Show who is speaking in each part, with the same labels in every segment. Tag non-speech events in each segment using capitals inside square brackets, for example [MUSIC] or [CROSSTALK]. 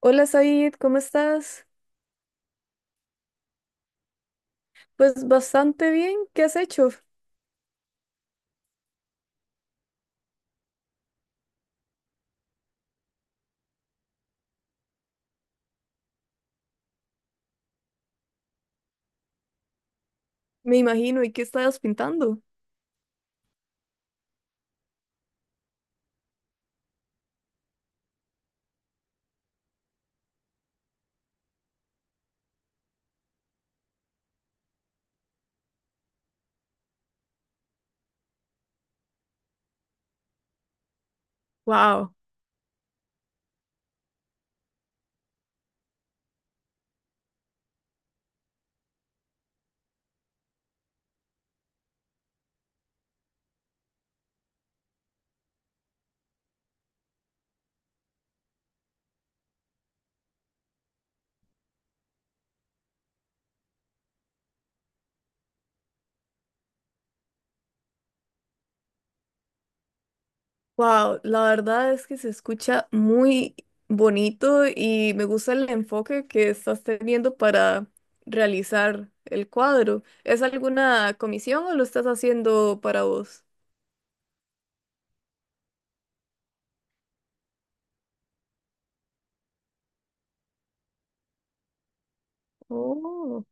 Speaker 1: Hola Said, ¿cómo estás? Pues bastante bien, ¿qué has hecho? Me imagino, ¿y qué estabas pintando? Wow, wow, la verdad es que se escucha muy bonito y me gusta el enfoque que estás teniendo para realizar el cuadro. ¿Es alguna comisión o lo estás haciendo para vos? Oh,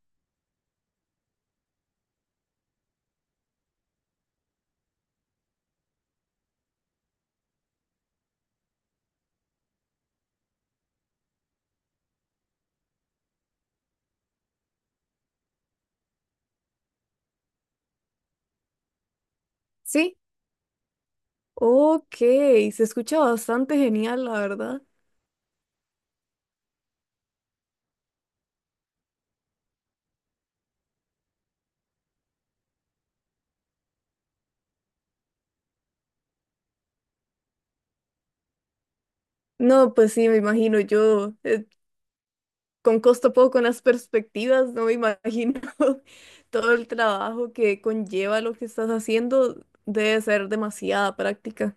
Speaker 1: sí, ok, se escucha bastante genial, la verdad. No, pues sí, me imagino yo. Con costo poco, con las perspectivas, no me imagino [LAUGHS] todo el trabajo que conlleva lo que estás haciendo, debe ser demasiada práctica.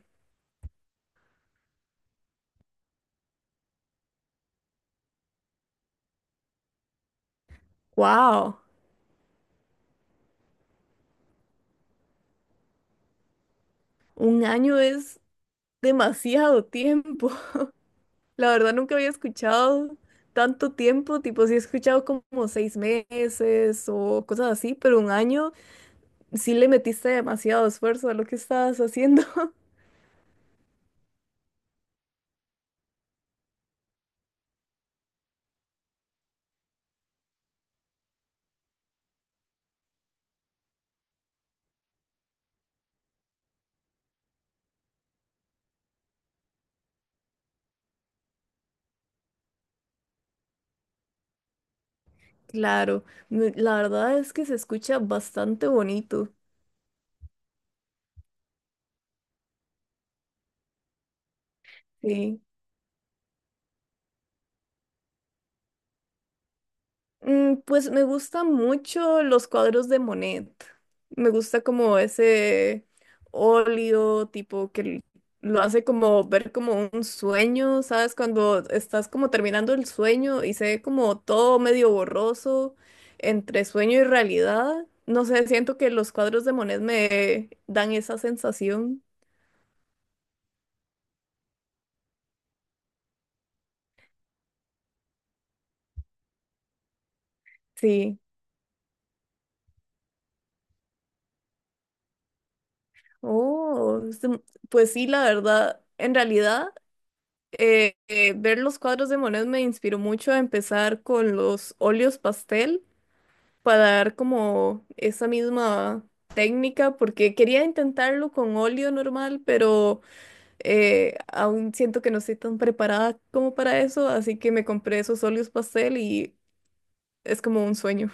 Speaker 1: ¡Wow! Un año es demasiado tiempo. [LAUGHS] La verdad nunca había escuchado tanto tiempo, tipo sí he escuchado como seis meses o cosas así, pero un año sí le metiste demasiado esfuerzo a lo que estabas haciendo. [LAUGHS] Claro, me- la verdad es que se escucha bastante bonito. Sí. Mm, pues me gustan mucho los cuadros de Monet. Me gusta como ese óleo tipo que l- lo hace como ver como un sueño, ¿sabes? Cuando estás como terminando el sueño y se ve como todo medio borroso entre sueño y realidad. No sé, siento que los cuadros de Monet me dan esa sensación. Sí. Oh, es de- pues sí, la verdad, en realidad. Ver los cuadros de Monet me inspiró mucho a empezar con los óleos pastel para dar como esa misma técnica, porque quería intentarlo con óleo normal, pero aún siento que no estoy tan preparada como para eso, así que me compré esos óleos pastel y es como un sueño.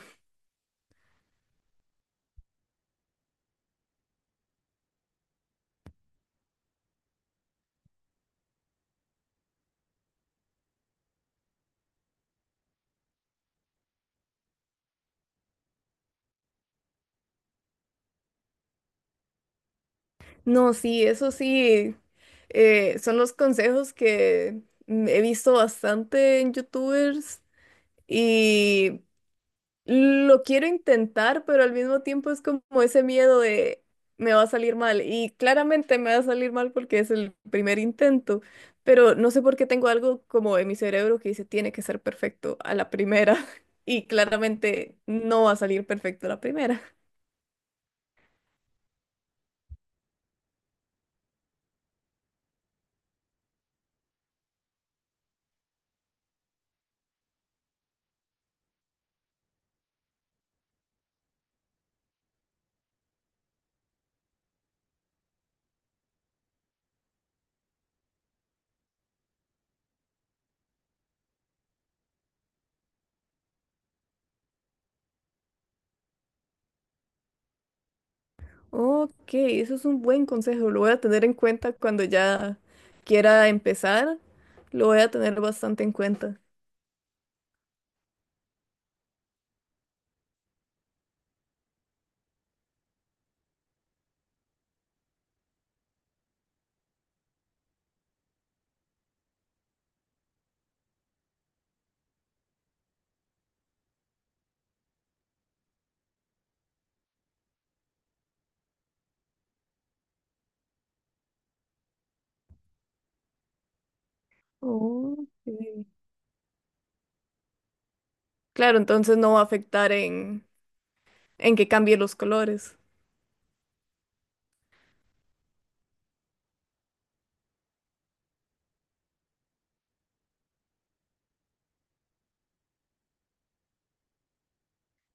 Speaker 1: No, sí, eso sí, son los consejos que he visto bastante en YouTubers. Y lo quiero intentar, pero al mismo tiempo es como ese miedo de me va a salir mal. Y claramente me va a salir mal porque es el primer intento, pero no sé por qué tengo algo como en mi cerebro que dice tiene que ser perfecto a la primera. [LAUGHS] Y claramente no va a salir perfecto a la primera. Ok, eso es un buen consejo. Lo voy a tener en cuenta cuando ya quiera empezar. Lo voy a tener bastante en cuenta. Ok. Claro, entonces no va a afectar en que cambie los colores.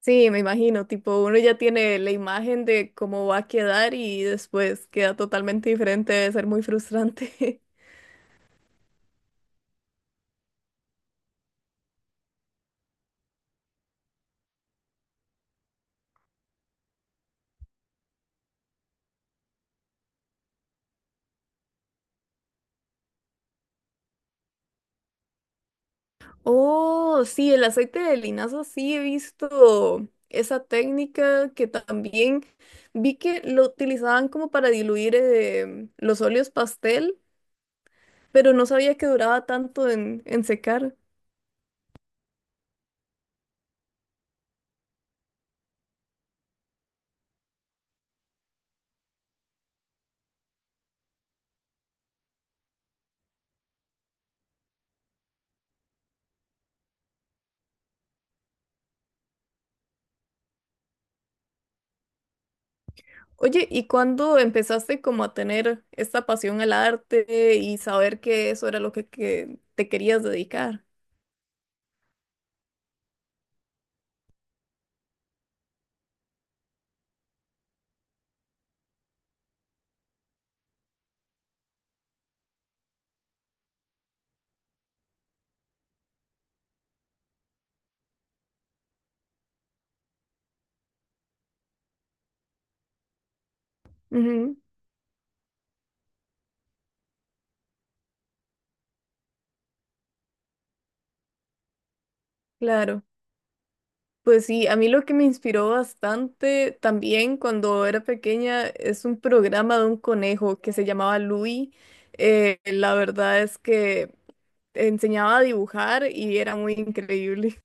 Speaker 1: Sí, me imagino, tipo, uno ya tiene la imagen de cómo va a quedar y después queda totalmente diferente, debe ser muy frustrante. [LAUGHS] Oh, sí, el aceite de linaza, sí he visto esa técnica que también vi que lo utilizaban como para diluir los óleos pastel, pero no sabía que duraba tanto en secar. Oye, ¿y cuándo empezaste como a tener esta pasión al arte y saber que eso era lo que te querías dedicar? Ujú, claro. Pues sí, a mí lo que me inspiró bastante también cuando era pequeña es un programa de un conejo que se llamaba Louis. La verdad es que enseñaba a dibujar y era muy increíble.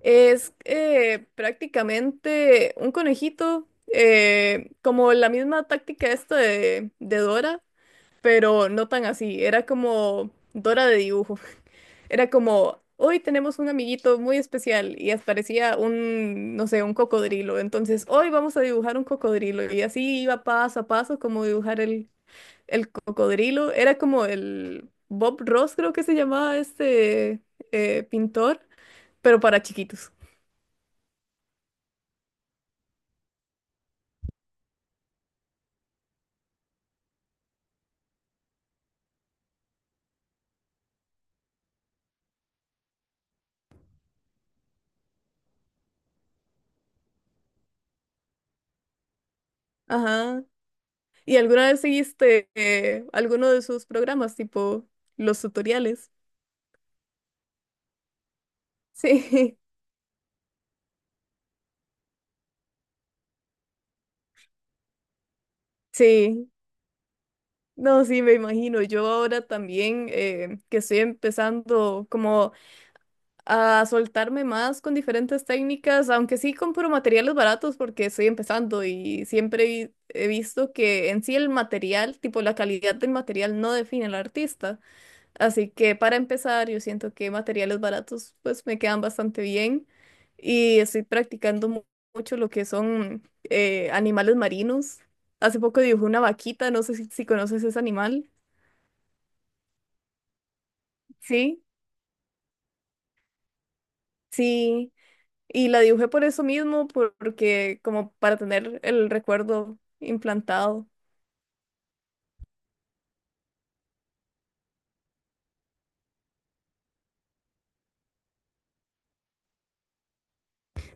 Speaker 1: Es prácticamente un conejito, como la misma táctica esta de Dora, pero no tan así, era como Dora de dibujo, [LAUGHS] era como, hoy tenemos un amiguito muy especial y hasta parecía un, no sé, un cocodrilo, entonces hoy vamos a dibujar un cocodrilo y así iba paso a paso como dibujar el cocodrilo, era como el Bob Ross creo que se llamaba pintor, pero para chiquitos. Ajá. ¿Y alguna vez seguiste alguno de sus programas, tipo los tutoriales? Sí, [LAUGHS] sí. No, sí, me imagino. Yo ahora también, que estoy empezando como a soltarme más con diferentes técnicas, aunque sí compro materiales baratos porque estoy empezando y siempre vi- he visto que en sí el material, tipo la calidad del material no define al artista. Así que para empezar, yo siento que materiales baratos pues me quedan bastante bien y estoy practicando mu- mucho lo que son animales marinos. Hace poco dibujé una vaquita, no sé si conoces ese animal. Sí, sí. Y la dibujé por eso mismo, por- porque como para tener el recuerdo implantado.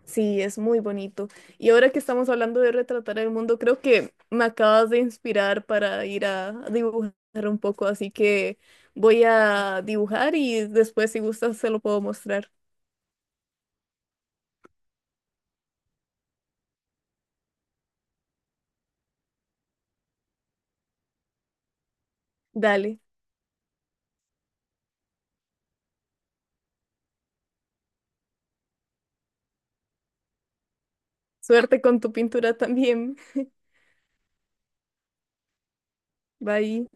Speaker 1: Sí, es muy bonito. Y ahora que estamos hablando de retratar el mundo, creo que me acabas de inspirar para ir a dibujar un poco, así que voy a dibujar y después si gustas se lo puedo mostrar. Dale. Suerte con tu pintura también. Bye.